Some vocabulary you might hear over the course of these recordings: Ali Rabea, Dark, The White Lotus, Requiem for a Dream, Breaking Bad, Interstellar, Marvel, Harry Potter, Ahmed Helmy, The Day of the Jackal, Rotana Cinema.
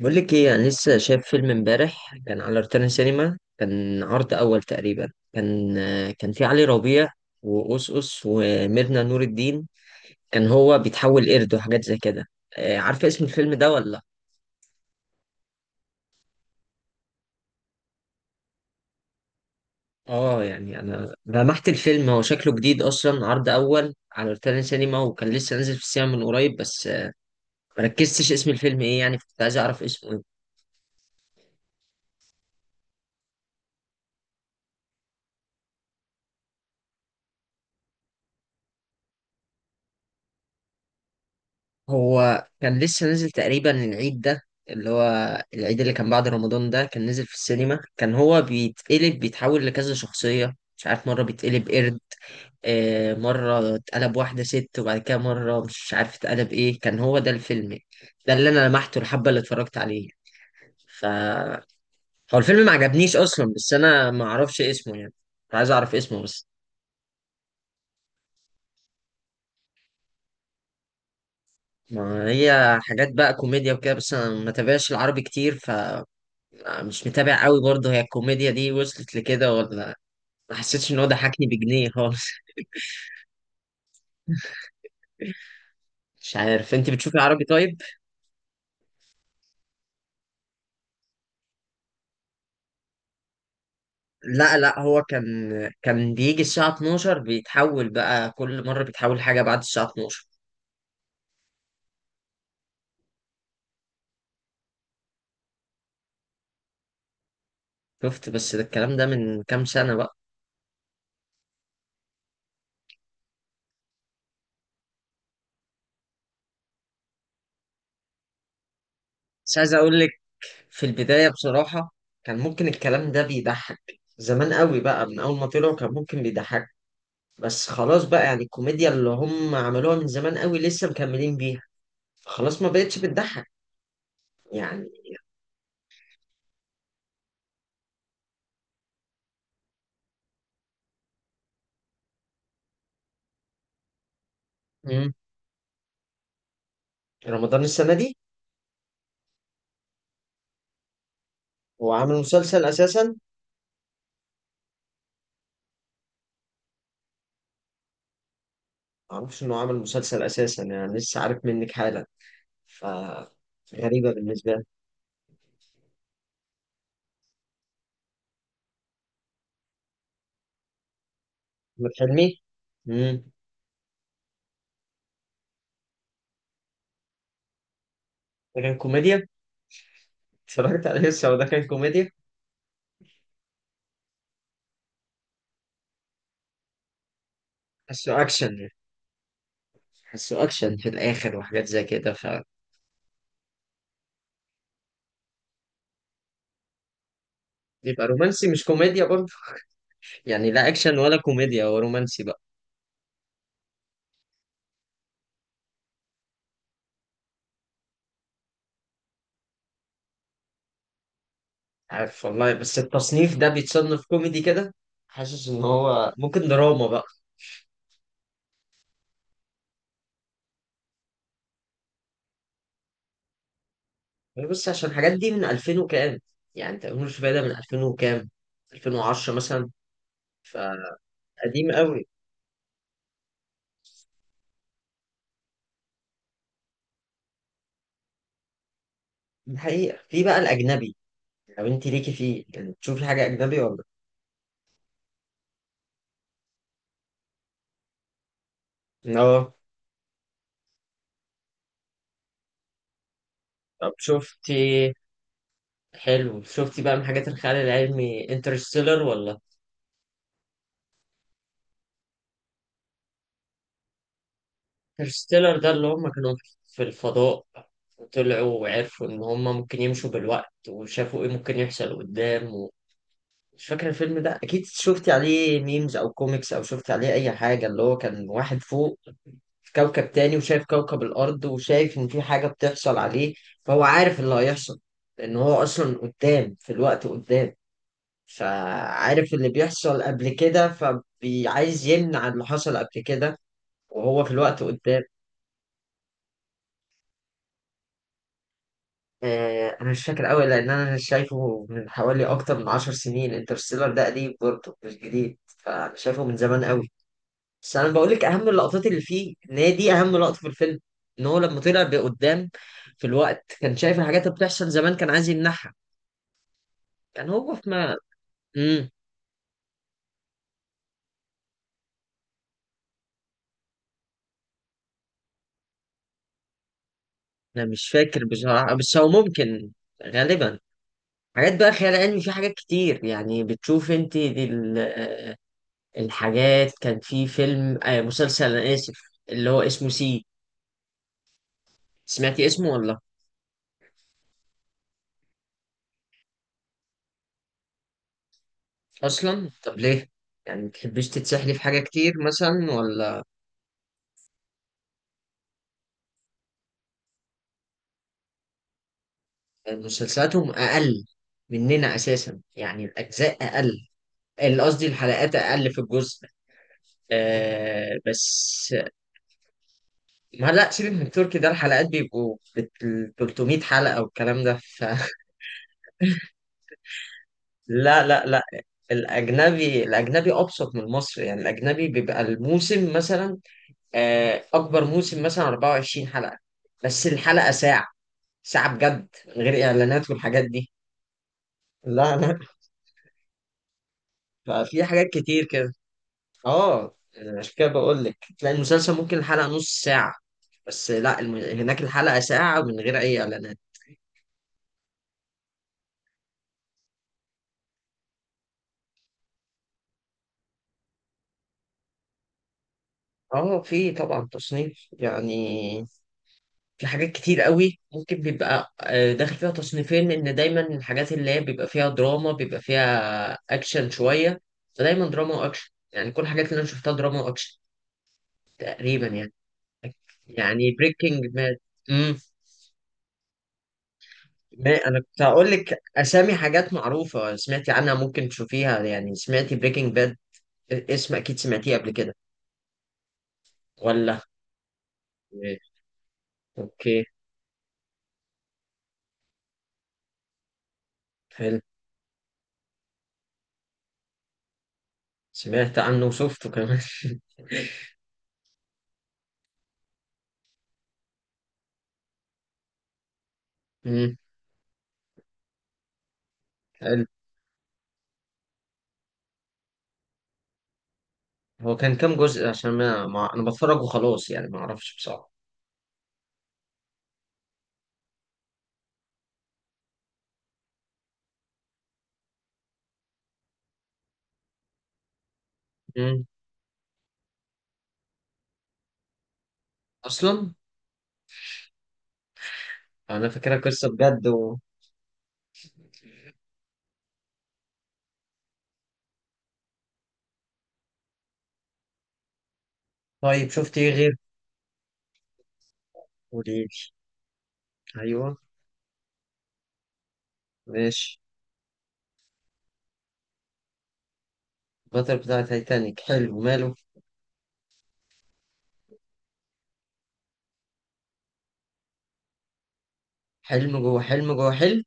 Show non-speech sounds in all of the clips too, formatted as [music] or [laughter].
بقول لك ايه، انا لسه شايف فيلم امبارح كان على روتانا سينما، كان عرض اول تقريبا. كان في علي ربيع وأوس أوس وميرنا نور الدين. كان هو بيتحول قرد وحاجات زي كده. آه، عارفه اسم الفيلم ده ولا لأ؟ اه يعني انا لمحت الفيلم، هو شكله جديد اصلا، عرض اول على روتانا سينما وكان لسه نازل في السينما من قريب، بس آه، مركزتش اسم الفيلم ايه، يعني كنت عايز اعرف اسمه إيه. هو كان لسه نازل تقريبا العيد ده، اللي هو العيد اللي كان بعد رمضان، ده كان نزل في السينما. كان هو بيتقلب، بيتحول لكذا شخصية، مش عارف، مرة بيتقلب قرد، آه، مرة اتقلب واحدة ست، وبعد كده مرة مش عارف اتقلب ايه. كان هو ده الفيلم ده اللي انا لمحته الحبة اللي اتفرجت عليه. ف هو الفيلم ما عجبنيش اصلا، بس انا ما اعرفش اسمه يعني. كنت عايز اعرف اسمه بس. ما هي حاجات بقى كوميديا وكده، بس انا ما تابعش العربي كتير. ف مش متابع قوي برضه. هي الكوميديا دي وصلت لكده ولا ما حسيتش ان هو ضحكني بجنيه خالص. مش عارف، انت بتشوفي عربي طيب؟ لا لا، هو كان، كان بيجي الساعة 12، بيتحول بقى كل مرة بيتحول حاجة بعد الساعة 12. شفت، بس ده الكلام ده من كام سنة بقى. بس عايز اقول لك، في البداية بصراحة كان ممكن الكلام ده بيضحك، زمان قوي بقى، من اول ما طلعوا كان ممكن بيضحك، بس خلاص بقى. يعني الكوميديا اللي هم عملوها من زمان قوي لسه مكملين بيها، خلاص ما بقتش بتضحك يعني. مم. رمضان السنة دي هو عامل مسلسل أساسا. معرفش إنه عامل مسلسل أساسا، يعني لسه عارف منك حالا. ف غريبة بالنسبة لي. أحمد حلمي. مم. ده كان كوميديا. اتفرجت عليه لسه، وده كان كوميديا. حسه أكشن يعني، حسه أكشن في الآخر وحاجات زي كده. ف يبقى رومانسي مش كوميديا برضه. يعني لا أكشن ولا كوميديا، هو رومانسي بقى. عارف والله، بس التصنيف ده بيتصنف كوميدي كده. حاسس إن هو ممكن دراما بقى. يعني بص، عشان الحاجات دي من 2000 وكام، يعني انت مش بادئ من 2000 وكام، 2010 مثلا. فقديم قوي. دي حقيقة. في بقى الأجنبي، لو أنت ليكي فيه، يعني تشوفي حاجة أجنبي ولا؟ اه. طب شفتي، حلو. شفتي بقى من حاجات الخيال العلمي انترستيلر ولا؟ انترستيلر، ده اللي هم كانوا في الفضاء، وطلعوا وعرفوا إن هم ممكن يمشوا بالوقت، وشافوا إيه ممكن يحصل قدام. مش فاكر الفيلم ده، اكيد شفتي عليه ميمز او كوميكس او شفتي عليه اي حاجه. اللي هو كان واحد فوق في كوكب تاني، وشايف كوكب الارض، وشايف ان في حاجه بتحصل عليه، فهو عارف اللي هيحصل، لان هو اصلا قدام في الوقت قدام، فعارف اللي بيحصل قبل كده، فبيعايز يمنع اللي حصل قبل كده وهو في الوقت قدام. آه، انا مش فاكر قوي، لان انا شايفه من حوالي اكتر من 10 سنين. انترستيلر ده قديم برضه، مش جديد، فانا شايفه من زمان قوي. بس انا بقول لك اهم اللقطات اللي فيه، ان هي دي اهم لقطه في الفيلم، ان هو لما طلع بقدام في الوقت، كان شايف الحاجات اللي بتحصل زمان، كان عايز يمنعها. كان هو في ما. امم، انا مش فاكر بصراحه، بس هو ممكن، غالبا. حاجات بقى خيال علمي، في حاجات كتير يعني بتشوف انت، دي ال- آه، الحاجات. كان في فيلم آه، مسلسل، انا اسف، اللي هو اسمه سي، سمعتي اسمه ولا؟ اصلا طب ليه؟ يعني ما بتحبيش تتسحلي في حاجه كتير مثلا ولا؟ مسلسلاتهم اقل مننا اساسا، يعني الاجزاء اقل، قصدي الحلقات اقل في الجزء. آه بس، ما لا سيبك من التركي ده، الحلقات بيبقوا بال 300 حلقة والكلام ده، فلا. [laughs] لا لا لا. الاجنبي، الاجنبي ابسط من المصري، يعني الاجنبي بيبقى الموسم مثلا آه اكبر موسم مثلا 24 حلقة، بس الحلقة ساعة، ساعة بجد من غير اعلانات والحاجات دي. لا لا. ففي حاجات كتير كده. اه، عشان كده بقول لك تلاقي المسلسل ممكن الحلقة نص ساعة، بس لا، هناك الحلقة ساعة من غير أي إعلانات. اه في طبعا تصنيف، يعني في حاجات كتير قوي ممكن بيبقى آه، داخل فيها تصنيفين، لأن دايما الحاجات اللي هي بيبقى فيها دراما بيبقى فيها أكشن شوية. فدايما دراما وأكشن، يعني كل الحاجات اللي أنا شفتها دراما وأكشن تقريبا يعني. يعني بريكنج باد. ما انا كنت هقول لك اسامي حاجات معروفه سمعتي عنها ممكن تشوفيها، يعني سمعتي بريكنج باد؟ اسم اكيد سمعتيه قبل كده ولا؟ إيه. اوكي. حلو، سمعت عنه وشفته كمان. [laughs] امم. حلو. هو كان كام جزء؟ عشان انا بتفرج وخلاص يعني، ما اعرفش بصراحه. امم اصلا. انا فاكرها قصه بجد و... طيب شفتي ايه غير؟ قوليلي. ايوه. ماشي. البطل بتاع تايتانيك، حلو ماله. حلم جوه حلم جوه حلم.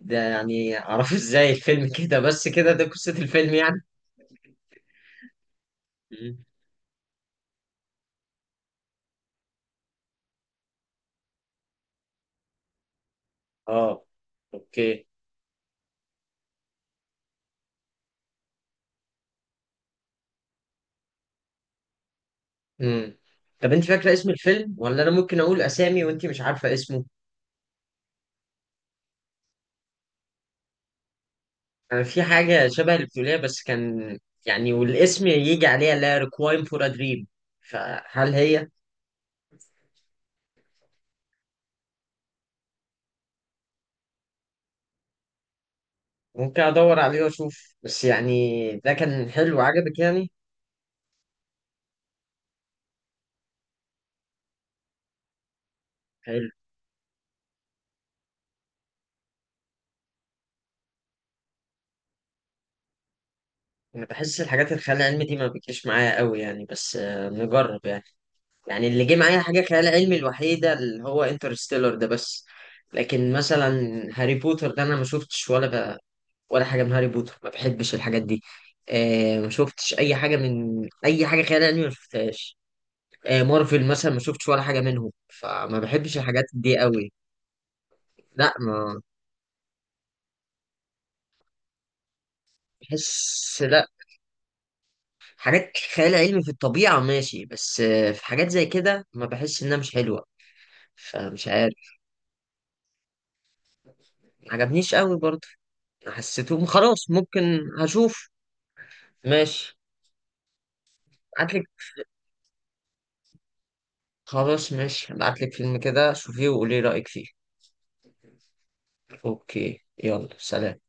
ده يعني اعرفه ازاي الفيلم كده بس كده؟ ده قصة الفيلم يعني. مم. اه. اوكي. امم. طب انت فاكرة اسم الفيلم، ولا انا ممكن اقول اسامي وانت مش عارفة اسمه؟ انا في حاجة شبه اللي بتقوليها بس كان، يعني والاسم يجي عليها، اللي هي ريكوايم فور ا دريم، فهل هي؟ ممكن ادور عليه واشوف. بس يعني ده كان حلو عجبك يعني؟ حلو. انا بحس الحاجات الخيال العلمي دي ما بتجيش معايا قوي يعني، بس آه، نجرب يعني. يعني اللي جه معايا حاجة خيال علمي الوحيدة اللي هو انترستيلر ده بس. لكن مثلا هاري بوتر ده أنا ما شفتش ولا ب... ولا حاجة من هاري بوتر، ما بحبش الحاجات دي. آه، ما شفتش أي حاجة من أي حاجة خيال علمي، ما شفتهاش. آه، مارفل مثلا ما شفتش ولا حاجة منهم، فما بحبش الحاجات دي قوي. لا، ما بحس، لا. حاجات خيال علمي في الطبيعة ماشي، بس آه في حاجات زي كده ما بحس، إنها مش حلوة، فمش عارف. ما عجبنيش قوي برضه، حسيته خلاص ممكن. هشوف. ماشي. ابعتلك. خلاص ماشي، ابعتلك فيلم كده، شوفيه وقولي رأيك فيه. اوكي. يلا، سلام.